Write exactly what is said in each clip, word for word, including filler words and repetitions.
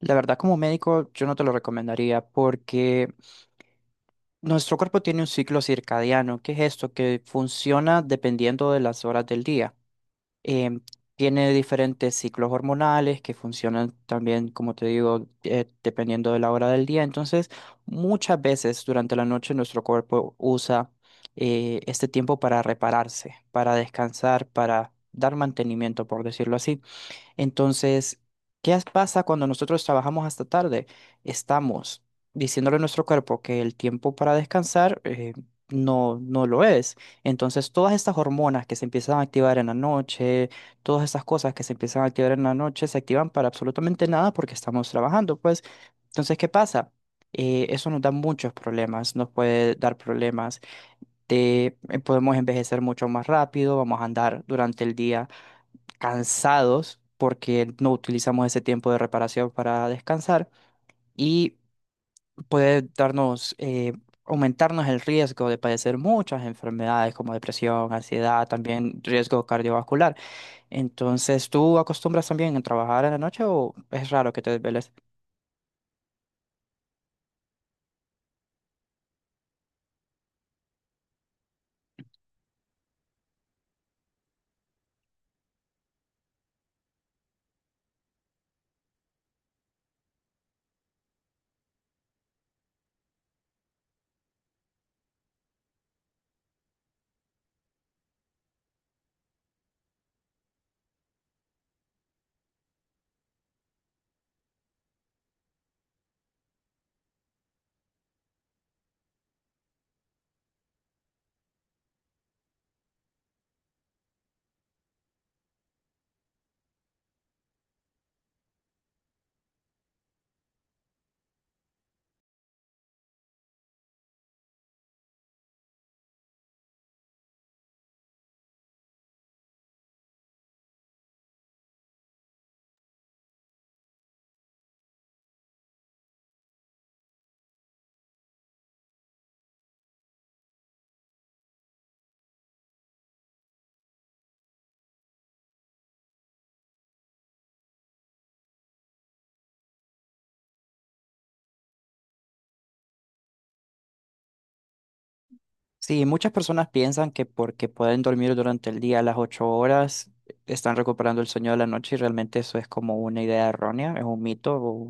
La verdad, como médico, yo no te lo recomendaría porque nuestro cuerpo tiene un ciclo circadiano, que es esto, que funciona dependiendo de las horas del día. Em, Tiene diferentes ciclos hormonales que funcionan también, como te digo, eh, dependiendo de la hora del día. Entonces, muchas veces durante la noche nuestro cuerpo usa eh, este tiempo para repararse, para descansar, para dar mantenimiento, por decirlo así. Entonces, ¿qué as- pasa cuando nosotros trabajamos hasta tarde? Estamos diciéndole a nuestro cuerpo que el tiempo para descansar eh, no, no lo es. Entonces, todas estas hormonas que se empiezan a activar en la noche, todas estas cosas que se empiezan a activar en la noche, se activan para absolutamente nada porque estamos trabajando, pues. Entonces, ¿qué pasa? Eh, eso nos da muchos problemas, nos puede dar problemas de eh, podemos envejecer mucho más rápido, vamos a andar durante el día cansados porque no utilizamos ese tiempo de reparación para descansar y puede darnos, eh, aumentarnos el riesgo de padecer muchas enfermedades como depresión, ansiedad, también riesgo cardiovascular. Entonces, ¿tú acostumbras también a trabajar en la noche o es raro que te desveles? Sí, muchas personas piensan que porque pueden dormir durante el día las ocho horas, están recuperando el sueño de la noche y realmente eso es como una idea errónea, es un mito.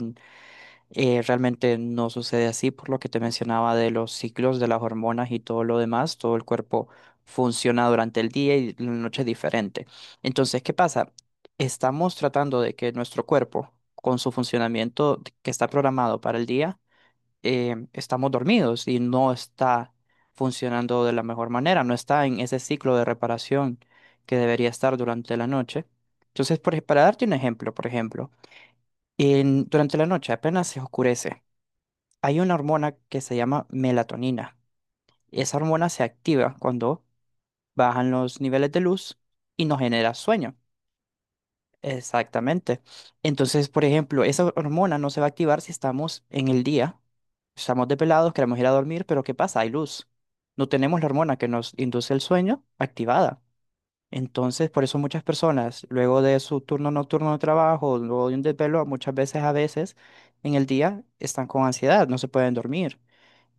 Eh, realmente no sucede así por lo que te mencionaba de los ciclos de las hormonas y todo lo demás. Todo el cuerpo funciona durante el día y la noche es diferente. Entonces, ¿qué pasa? Estamos tratando de que nuestro cuerpo, con su funcionamiento que está programado para el día, eh, estamos dormidos y no está funcionando de la mejor manera, no está en ese ciclo de reparación que debería estar durante la noche. Entonces, por ej- para darte un ejemplo, por ejemplo, en- durante la noche apenas se oscurece. Hay una hormona que se llama melatonina. Esa hormona se activa cuando bajan los niveles de luz y nos genera sueño. Exactamente. Entonces, por ejemplo, esa hormona no se va a activar si estamos en el día, estamos desvelados, queremos ir a dormir, pero ¿qué pasa? Hay luz. No tenemos la hormona que nos induce el sueño activada. Entonces, por eso muchas personas, luego de su turno nocturno de trabajo, luego de un desvelo, muchas veces, a veces, en el día están con ansiedad, no se pueden dormir.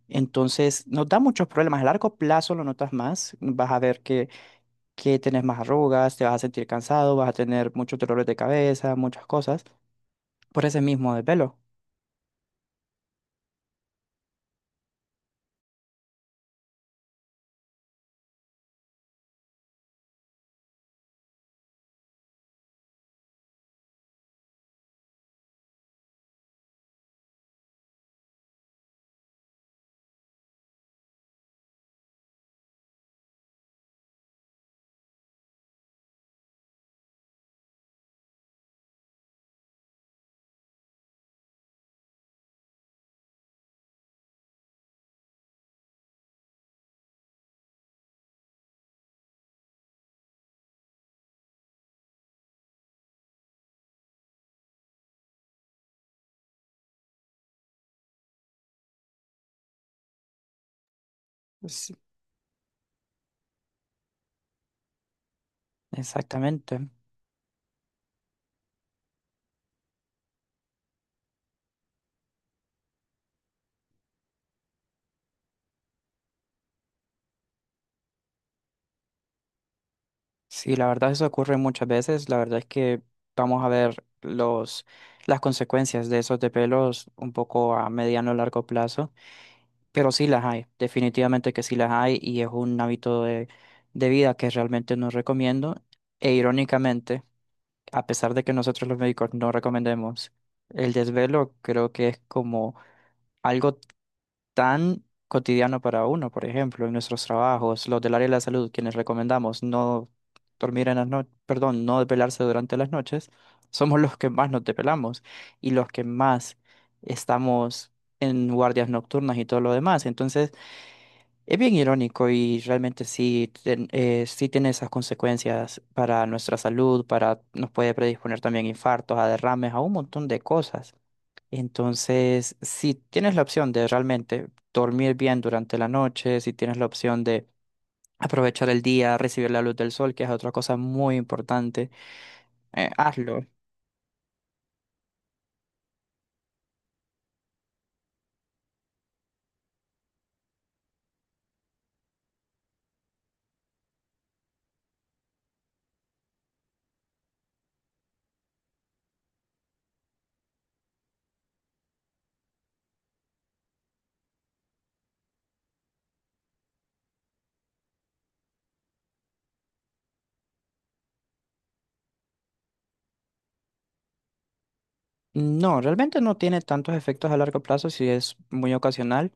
Entonces, nos da muchos problemas. A largo plazo lo notas más. Vas a ver que, que tenés más arrugas, te vas a sentir cansado, vas a tener muchos dolores de cabeza, muchas cosas. Por ese mismo desvelo. Sí, exactamente. Sí, la verdad eso ocurre muchas veces. La verdad es que vamos a ver los, las consecuencias de esos desvelos un poco a mediano o largo plazo. Pero sí las hay. Definitivamente que sí las hay y es un hábito de, de vida que realmente no recomiendo. E irónicamente. a pesar de que nosotros los médicos no recomendemos, el desvelo creo que es como algo tan cotidiano para uno, por ejemplo, en nuestros trabajos, los del área de la salud, quienes recomendamos no dormir en las noches, perdón, no desvelarse durante las noches, somos los que más nos desvelamos y los que más estamos en guardias nocturnas y todo lo demás. Entonces, es bien irónico y realmente sí, ten- eh, sí tiene esas consecuencias para nuestra salud, para, nos puede predisponer también a infartos, a derrames, a un montón de cosas. Entonces, si tienes la opción de realmente dormir bien durante la noche, si tienes la opción de aprovechar el día, recibir la luz del sol, que es otra cosa muy importante, eh, hazlo. No, realmente no tiene tantos efectos a largo plazo si es muy ocasional.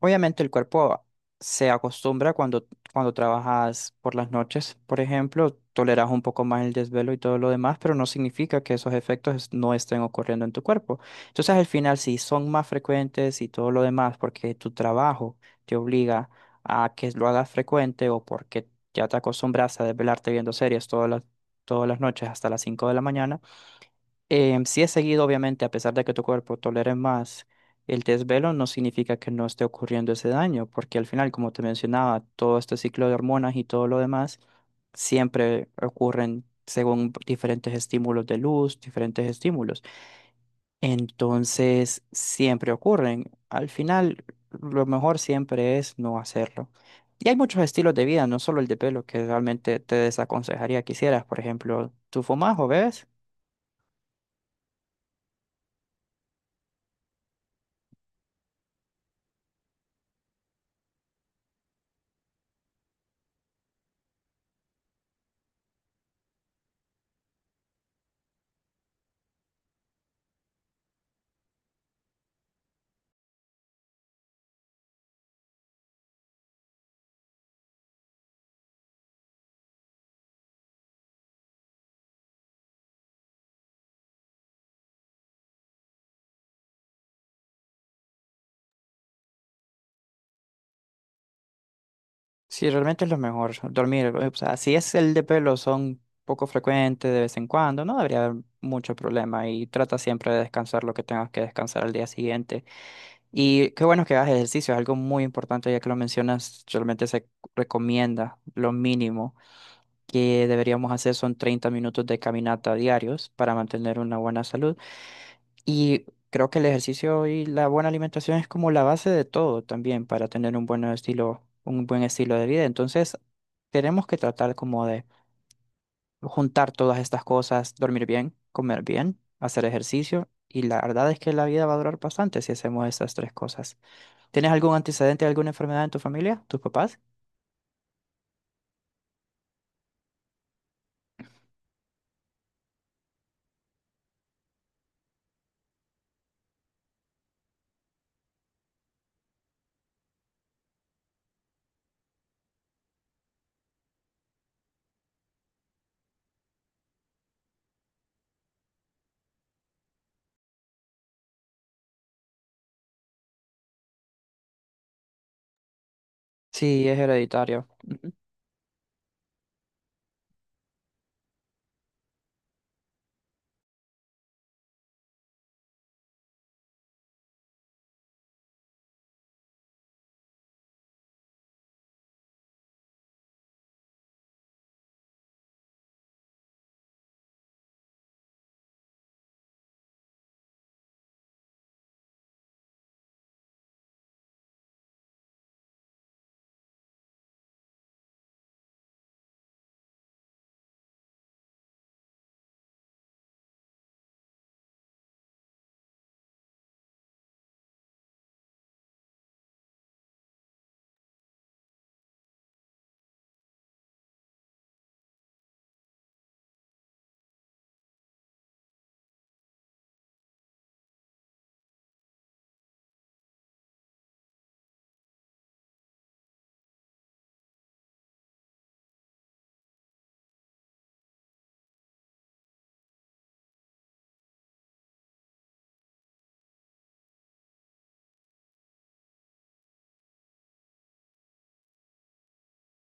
Obviamente el cuerpo se acostumbra cuando, cuando trabajas por las noches, por ejemplo, toleras un poco más el desvelo y todo lo demás, pero no significa que esos efectos es- no estén ocurriendo en tu cuerpo. Entonces al final, si son más frecuentes y todo lo demás, porque tu trabajo te obliga a que lo hagas frecuente o porque ya te acostumbras a desvelarte viendo series todas las, todas las noches hasta las cinco de la mañana, eh, sí es seguido, obviamente, a pesar de que tu cuerpo tolere más el desvelo, no significa que no esté ocurriendo ese daño, porque al final, como te mencionaba, todo este ciclo de hormonas y todo lo demás siempre ocurren según diferentes estímulos de luz, diferentes estímulos. Entonces, siempre ocurren. Al final, lo mejor siempre es no hacerlo. Y hay muchos estilos de vida, no solo el de pelo, que realmente te desaconsejaría que hicieras. Por ejemplo, ¿tú fumas o bebes? Sí, realmente es lo mejor, dormir. eh, O sea, si es el de pelo, son poco frecuentes de vez en cuando, no debería haber mucho problema y trata siempre de descansar lo que tengas que descansar al día siguiente. Y qué bueno que hagas ejercicio, es algo muy importante ya que lo mencionas, realmente se recomienda lo mínimo que deberíamos hacer son treinta minutos de caminata diarios para mantener una buena salud. Y creo que el ejercicio y la buena alimentación es como la base de todo también para tener un buen estilo, un buen estilo de vida. Entonces, tenemos que tratar como de juntar todas estas cosas, dormir bien, comer bien, hacer ejercicio. Y la verdad es que la vida va a durar bastante si hacemos estas tres cosas. ¿Tienes algún antecedente, alguna enfermedad en tu familia, tus papás? Sí, es hereditario.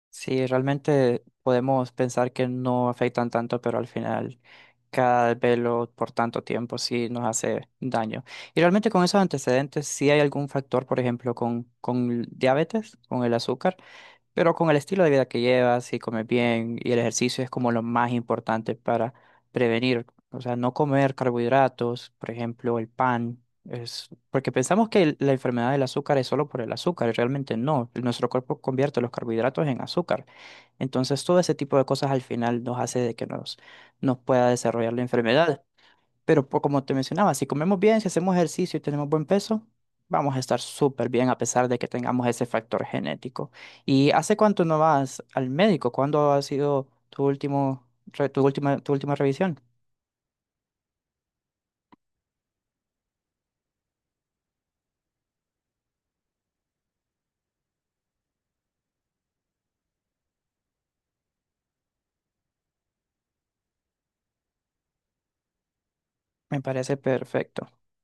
Sí, realmente podemos pensar que no afectan tanto, pero al final cada velo por tanto tiempo sí nos hace daño. Y realmente con esos antecedentes, si hay algún factor, por ejemplo, con, con diabetes, con el azúcar. Pero con el estilo de vida que llevas, si comes bien y el ejercicio es como lo más importante para prevenir. O sea, no comer carbohidratos, por ejemplo, el pan. Es porque pensamos que el- la enfermedad del azúcar es solo por el azúcar, y realmente no. Nuestro cuerpo convierte los carbohidratos en azúcar. Entonces, todo ese tipo de cosas al final nos hace de que nos, nos pueda desarrollar la enfermedad. Pero po- como te mencionaba, si comemos bien, si hacemos ejercicio y tenemos buen peso, vamos a estar súper bien a pesar de que tengamos ese factor genético. ¿Y hace cuánto no vas al médico? ¿Cuándo ha sido tu último, re- tu última, tu última revisión? Me parece perfecto.